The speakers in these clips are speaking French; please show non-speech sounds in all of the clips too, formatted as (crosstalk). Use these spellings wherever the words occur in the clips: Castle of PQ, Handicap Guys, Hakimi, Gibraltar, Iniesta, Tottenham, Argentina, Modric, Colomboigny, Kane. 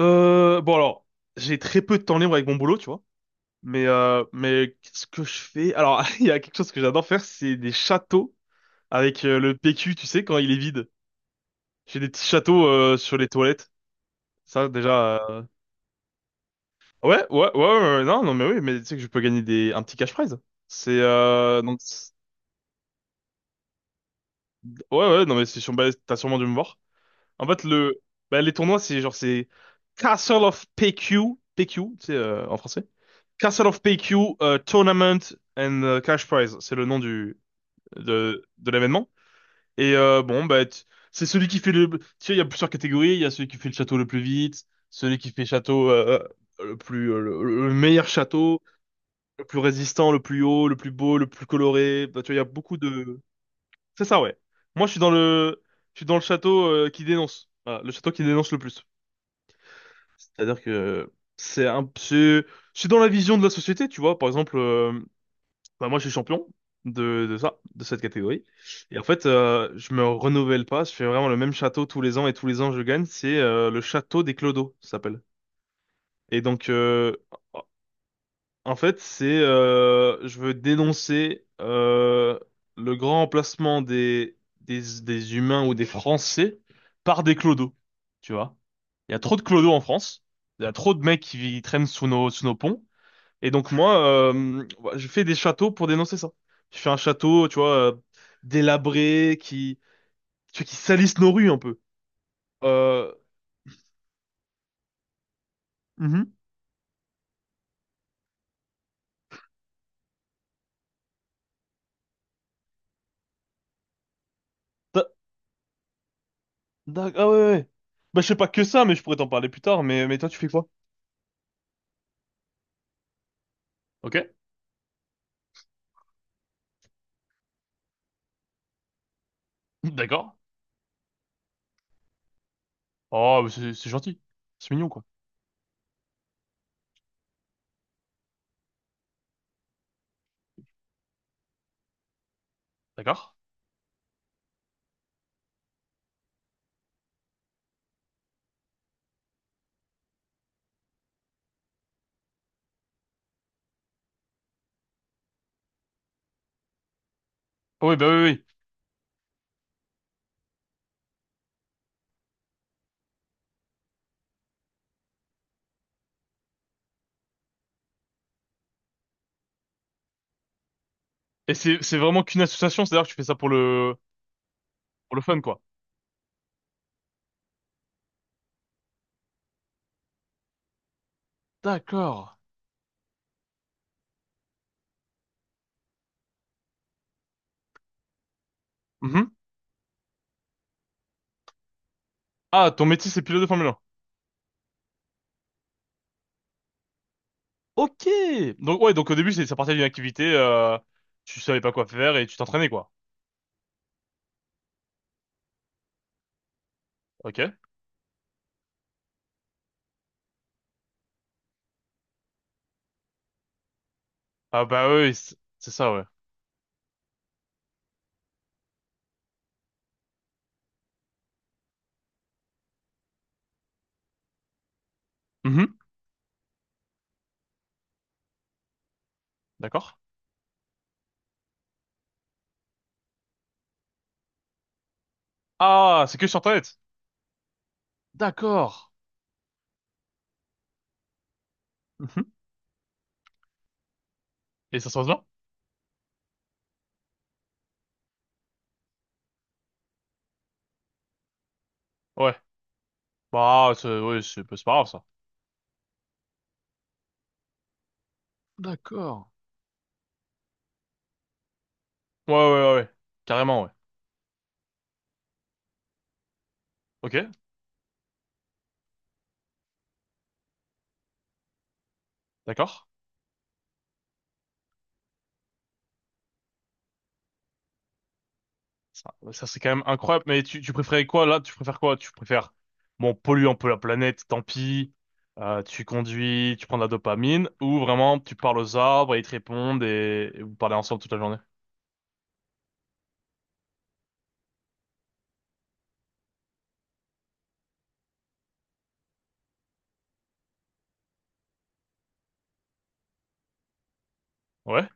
Bon alors, j'ai très peu de temps libre avec mon boulot, tu vois. Mais qu'est-ce que je fais? Alors, (laughs) il y a quelque chose que j'adore faire, c'est des châteaux avec le PQ, tu sais, quand il est vide. J'ai des petits châteaux sur les toilettes. Ça déjà. Ouais, ouais, ouais, ouais, ouais, non, non, mais oui, mais tu sais que je peux gagner des un petit cash prize. C'est euh, donc c'est- ouais, ouais, non, mais bah, t'as sûrement dû me voir. En fait, le bah, les tournois, c'est genre c'est Castle of PQ, tu sais, en français. Castle of PQ Tournament and Cash Prize, c'est le nom de l'événement. Bon, bah, c'est celui qui fait le. Tu sais, il y a plusieurs catégories. Il y a celui qui fait le château le plus vite, celui qui fait château le plus le meilleur château, le plus résistant, le plus haut, le plus beau, le plus coloré. Bah, tu vois, il y a beaucoup de. C'est ça, ouais. Moi, je suis dans le château qui dénonce. Voilà, le château qui dénonce le plus. C'est-à-dire que c'est un c'est je suis dans la vision de la société, tu vois. Par exemple. Bah, moi, je suis champion de ça, de cette catégorie. Et en fait, je me renouvelle pas. Je fais vraiment le même château tous les ans et tous les ans, je gagne. C'est le château des clodos, ça s'appelle. Et donc, en fait, c'est je veux dénoncer le grand emplacement des humains ou des Français par des clodos. Tu vois? Il y a trop de clodos en France. Il y a trop de mecs qui traînent sous nos ponts. Et donc moi, bah, je fais des châteaux pour dénoncer ça. Je fais un château, tu vois, délabré, qui, tu vois, qui salisse nos rues un peu. Euh, mhm. Da- ah ouais, ouais. Ouais. Bah je sais pas que ça, mais je pourrais t'en parler plus tard. Mais toi, tu fais quoi? Ok, d'accord. Oh, mais c'est gentil. C'est mignon, quoi. D'accord. Ah oui, bah oui, oui. Et c'est vraiment qu'une association, c'est-à-dire que tu fais ça pour le fun, quoi. D'accord. Mhm. Ah, ton métier, c'est pilote de Formule. Ok. Donc ouais, donc au début c'est ça partait d'une activité, tu savais pas quoi faire et tu t'entraînais quoi. Ok. Ah bah oui, oui, c'est ça ouais. Mhm. D'accord. Ah, c'est que sur internet. D'accord. Mhm. Et ça se passe bien? Ouais. Bah c'est ouais, c'est bah, c'est pas grave ça. D'accord. Ouais ouais ouais ouais. Carrément ouais. Ok. D'accord. Ça, c'est quand même incroyable. Mais tu préférais quoi là? Tu préfères quoi? Tu préfères, bon, polluer un peu la planète, tant pis. Tu conduis, tu prends de la dopamine, ou vraiment tu parles aux arbres et ils te répondent et vous parlez ensemble toute la journée. Ouais?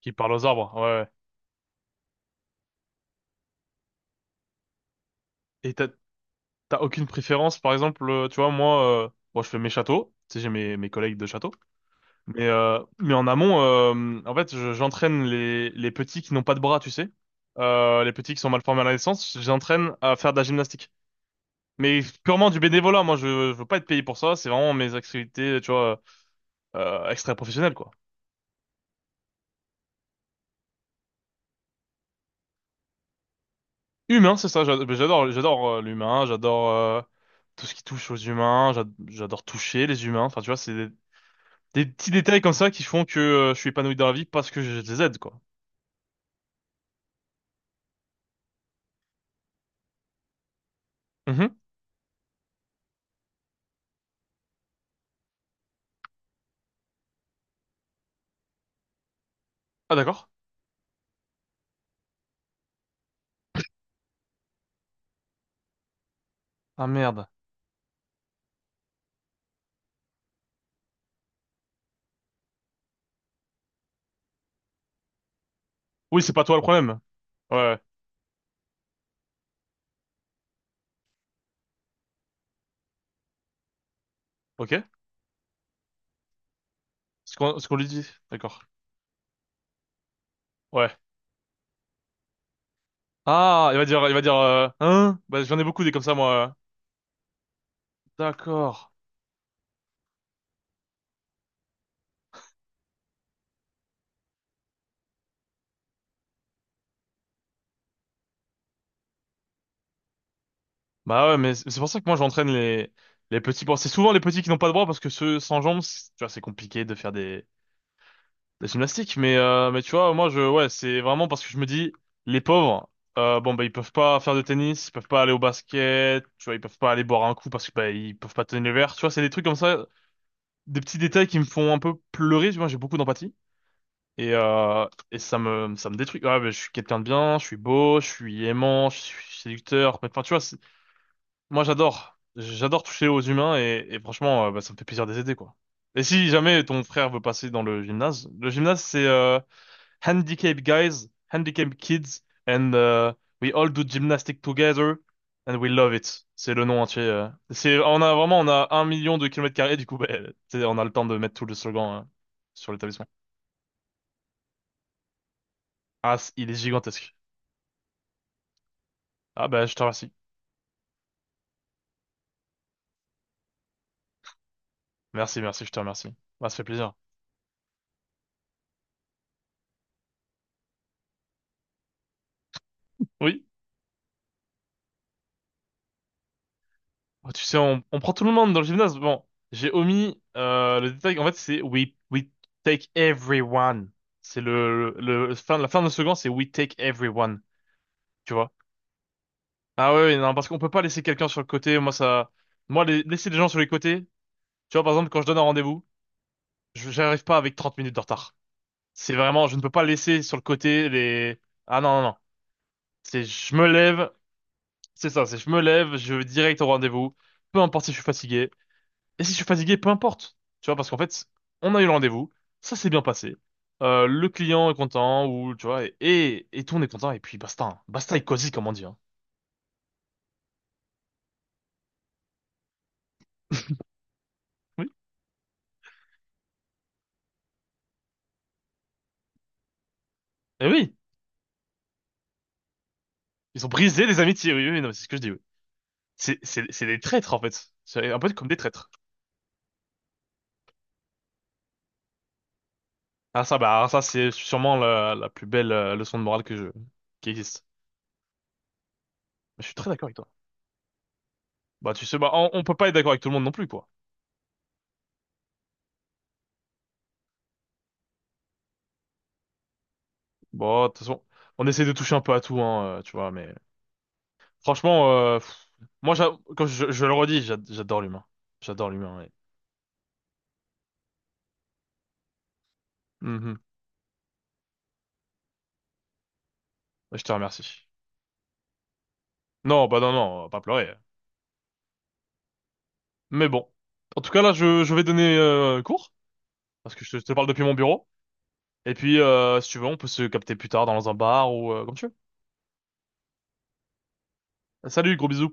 Qui parlent aux arbres, ouais, ouais. Et t'as aucune préférence, par exemple, tu vois, moi, bon, je fais mes châteaux, tu sais, j'ai mes collègues de château, mais en amont, en fait, j'entraîne les petits qui n'ont pas de bras, tu sais, les petits qui sont mal formés à la naissance, j'entraîne à faire de la gymnastique. Mais purement du bénévolat, moi je veux pas être payé pour ça, c'est vraiment mes activités, tu vois, extra-professionnelles, quoi. Humain, c'est ça, j'adore, j'adore l'humain, j'adore tout ce qui touche aux humains, j'adore toucher les humains, enfin tu vois, c'est des petits détails comme ça qui font que je suis épanoui dans la vie parce que je les aide, quoi. Mhm. Ah d'accord. Ah merde. Oui, c'est pas toi le problème. Ouais, ouais. Ok. Ce qu'on lui dit, d'accord. Ouais. Ah, il va dire, hein? Bah j'en ai beaucoup des comme ça, moi. D'accord. Bah ouais, mais c'est pour ça que moi j'entraîne les petits bras. C'est souvent les petits qui n'ont pas de bras parce que ceux sans jambes, tu vois, c'est compliqué de faire des gymnastiques. Mais tu vois, moi je, ouais, c'est vraiment parce que je me dis, les pauvres, bon, bah ils peuvent pas faire de tennis, ils peuvent pas aller au basket, tu vois, ils peuvent pas aller boire un coup parce que, bah, ils peuvent pas tenir le verre. Tu vois, c'est des trucs comme ça, des petits détails qui me font un peu pleurer. Tu vois, j'ai beaucoup d'empathie. Et ça me détruit. Ouais, mais je suis quelqu'un de bien, je suis beau, je suis aimant, je suis séducteur. Enfin, tu vois, moi, j'adore. J'adore toucher aux humains et franchement, bah, ça me fait plaisir de les aider, quoi. Et si jamais ton frère veut passer dans le gymnase, c'est Handicap Guys, Handicap Kids, and we all do gymnastics together, and we love it. C'est le nom entier. C'est, on a vraiment, on a 1 million de kilomètres carrés, du coup, bah, tu sais, on a le temps de mettre tout le slogan sur l'établissement. Ah, il est gigantesque. Ah, bah, je te remercie. Merci, merci, je te remercie. Bah, ça fait plaisir. Oui. Oh, tu sais, on prend tout le monde dans le gymnase. Bon, j'ai omis le détail. En fait, c'est we take everyone. C'est le- Fin, la fin de la second, c'est we take everyone. Tu vois? Ah ouais, ouais, non, parce qu'on peut pas laisser quelqu'un sur le côté. Moi, ça, moi, laisser les gens sur les côtés. Tu vois, par exemple, quand je donne un rendez-vous, j'arrive pas avec 30 minutes de retard. C'est vraiment, je ne peux pas laisser sur le côté les. Ah non, non, non. C'est, je me lève. C'est ça. C'est, je me lève. Je vais direct au rendez-vous. Peu importe si je suis fatigué. Et si je suis fatigué, peu importe. Tu vois, parce qu'en fait, on a eu le rendez-vous, ça s'est bien passé. Le client est content, ou tu vois, et tout, on est content, et puis basta. Hein. Basta et cosy, comme on dit. Hein. (laughs) Oui. Et oui, ils ont brisé des amitiés, oui, oui, oui, non, mais c'est ce que je dis, oui. C'est des traîtres, en fait. C'est un peu comme des traîtres. Ah, ça, bah, alors ça, c'est sûrement la plus belle leçon de morale qui existe. Mais je suis très d'accord avec toi. Bah, tu sais, bah, on peut pas être d'accord avec tout le monde non plus, quoi. Bon, de toute façon, on essaie de toucher un peu à tout, hein, tu vois, mais franchement, pff, moi, comme je le redis, j'adore l'humain. J'adore l'humain, ouais. Mhm. Je te remercie. Non, bah non, non, on va pas pleurer. Mais bon. En tout cas, là, je vais donner cours, parce que je te parle depuis mon bureau. Et puis, si tu veux, on peut se capter plus tard dans un bar ou comme tu veux. Salut, gros bisous.